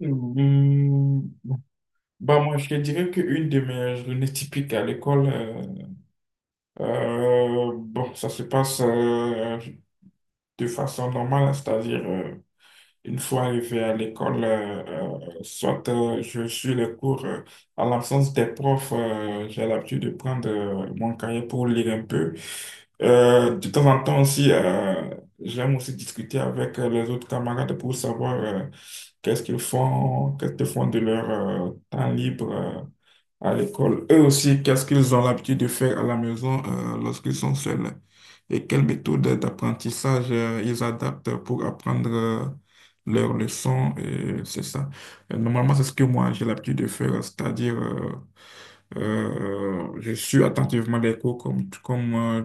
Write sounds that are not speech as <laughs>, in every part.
Hmm. Bah moi, je te dirais qu'une de mes journées typiques à l'école, ça se passe, de façon normale, c'est-à-dire, une fois arrivé à l'école, soit, je suis les cours, en l'absence des profs. J'ai l'habitude de prendre, mon cahier pour lire un peu. De temps en temps aussi, j'aime aussi discuter avec, les autres camarades pour savoir, qu'est-ce qu'ils font de leur, temps libre, à l'école. Eux aussi, qu'est-ce qu'ils ont l'habitude de faire à la maison, lorsqu'ils sont seuls, et quelles méthodes d'apprentissage, ils adaptent pour apprendre, leurs leçons. Et c'est ça. Normalement, c'est ce que moi, j'ai l'habitude de faire, c'est-à-dire, je suis attentivement les cours comme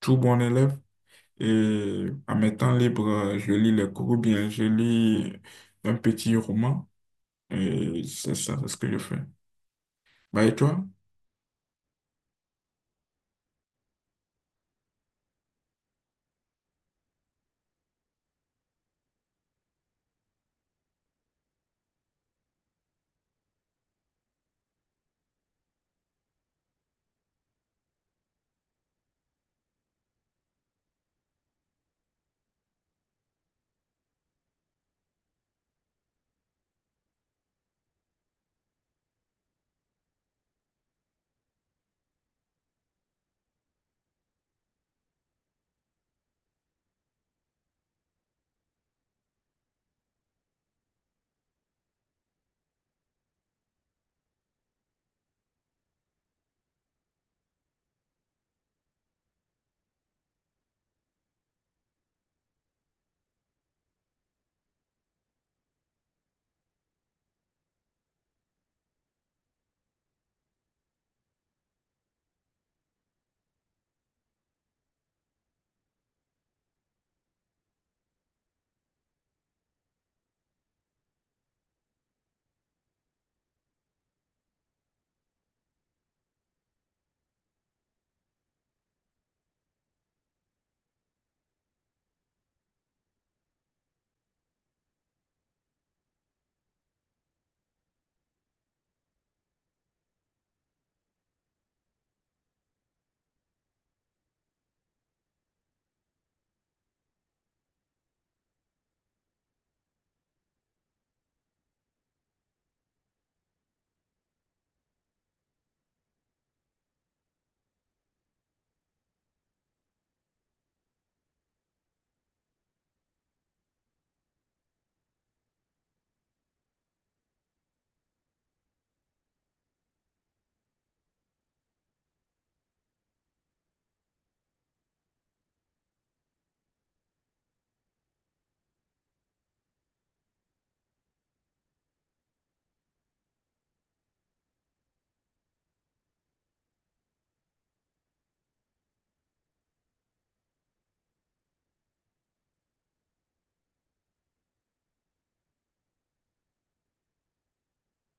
tout bon élève, et à mes temps libres, je lis les cours ou bien je lis un petit roman. Et c'est ça, c'est ce que je fais. Bah, et toi?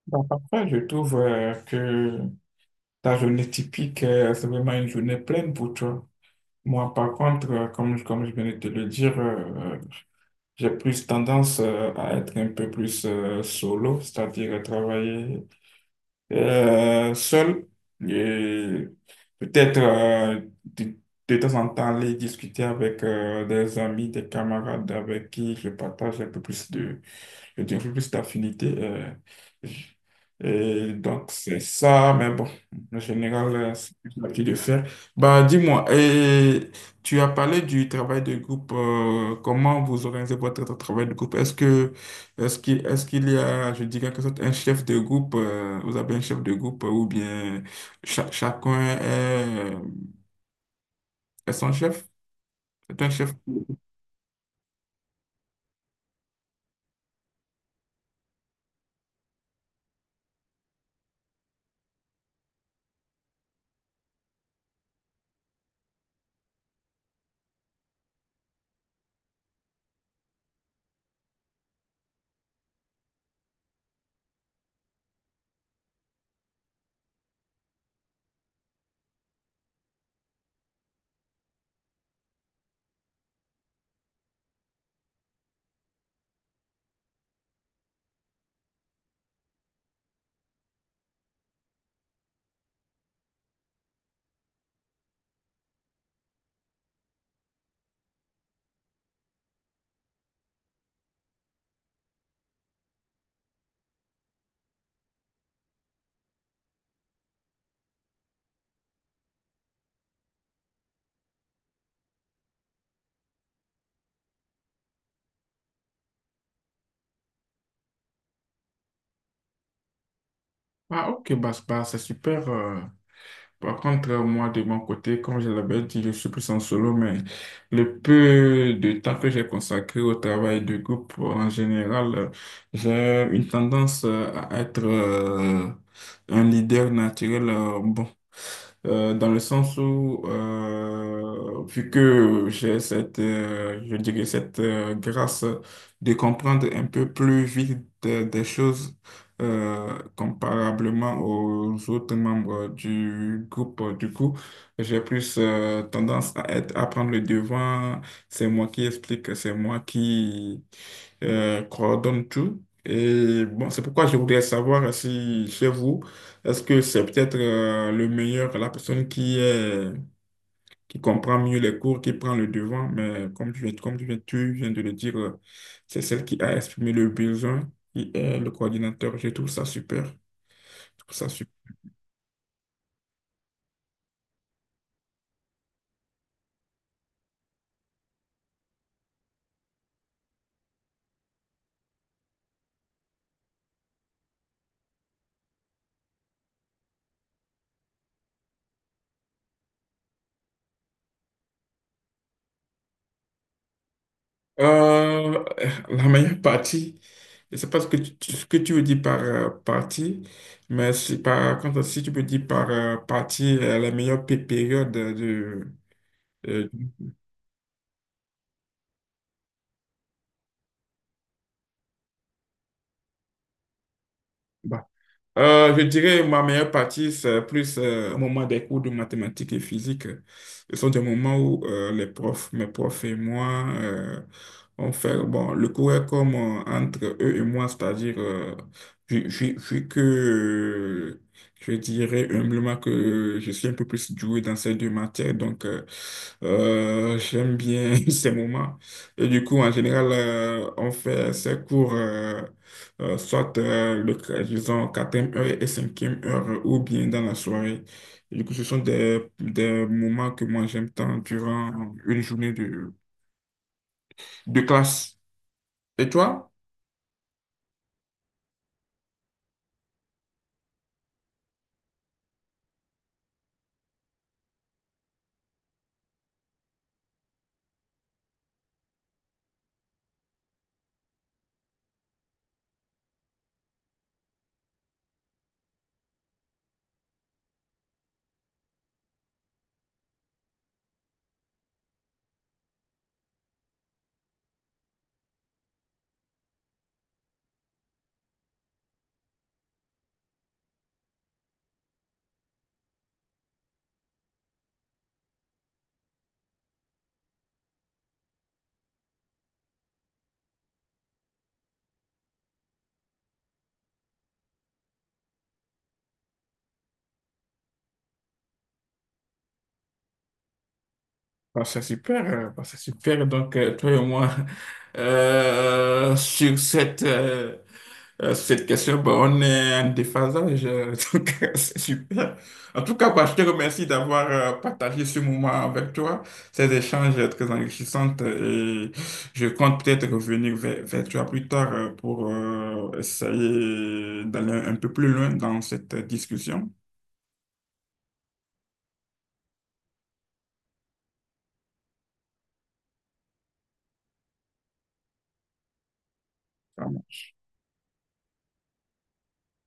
Bah, parfois, je trouve que ta journée typique, c'est vraiment une journée pleine pour toi. Moi, par contre, comme je venais de te le dire, j'ai plus tendance, à être un peu plus, solo, c'est-à-dire à travailler, seul, et peut-être, de temps en temps aller discuter avec, des amis, des camarades avec qui je partage un peu plus de, je dirais plus d'affinité. Je- Et donc, c'est ça, mais bon, en général, c'est ce que j'ai l'habitude de faire. Bah, dis-moi, et tu as parlé du travail de groupe. Comment vous organisez votre travail de groupe? Est-ce qu'il y a, je dirais, quelque sorte, un chef de groupe? Vous avez un chef de groupe, ou bien chacun est, est son chef? C'est un chef? Ah, ok, bah, c'est super. Par contre, moi, de mon côté, comme je l'avais dit, je suis plus en solo, mais le peu de temps que j'ai consacré au travail de groupe, en général, j'ai une tendance, à être, un leader naturel, dans le sens où, vu que j'ai cette, je dirais, cette, grâce de comprendre un peu plus vite des choses, comparablement aux autres membres du groupe. Du coup, j'ai plus, tendance à être, à prendre le devant. C'est moi qui explique, c'est moi qui, coordonne tout. Et bon, c'est pourquoi je voudrais savoir si chez vous, est-ce que c'est peut-être, le meilleur, la personne qui comprend mieux les cours, qui prend le devant, mais comme tu viens de le dire, c'est celle qui a exprimé le besoin, qui est le coordinateur. Je trouve ça super. Je trouve ça super. Euh, la meilleure partie, je sais pas ce que ce que tu veux dire par, partie, mais si, par contre, si tu peux dire par, partie, la meilleure période de, de... Je dirais ma meilleure partie, c'est plus, au moment des cours de mathématiques et physique. Ce sont des moments où, les profs, mes profs et moi, on fait, bon, le cours est comme, entre eux et moi, c'est-à-dire, vu que, je dirais humblement que je suis un peu plus doué dans ces deux matières, donc, j'aime bien <laughs> ces moments. Et du coup, en général, on fait ces cours, soit, le, disons, quatrième heure et cinquième heure, ou bien dans la soirée. Et du coup, ce sont des moments que moi j'aime tant durant une journée de classe. Et toi? Bah, c'est super, bah, c'est super. Donc, toi et moi, <laughs> sur cette question, bah, on est en déphasage. <laughs> Donc, c'est super. En tout cas, bah, je te remercie d'avoir, partagé ce moment avec toi, ces échanges, très enrichissants. Et je compte peut-être revenir vers toi plus tard, pour, essayer d'aller un peu plus loin dans cette discussion.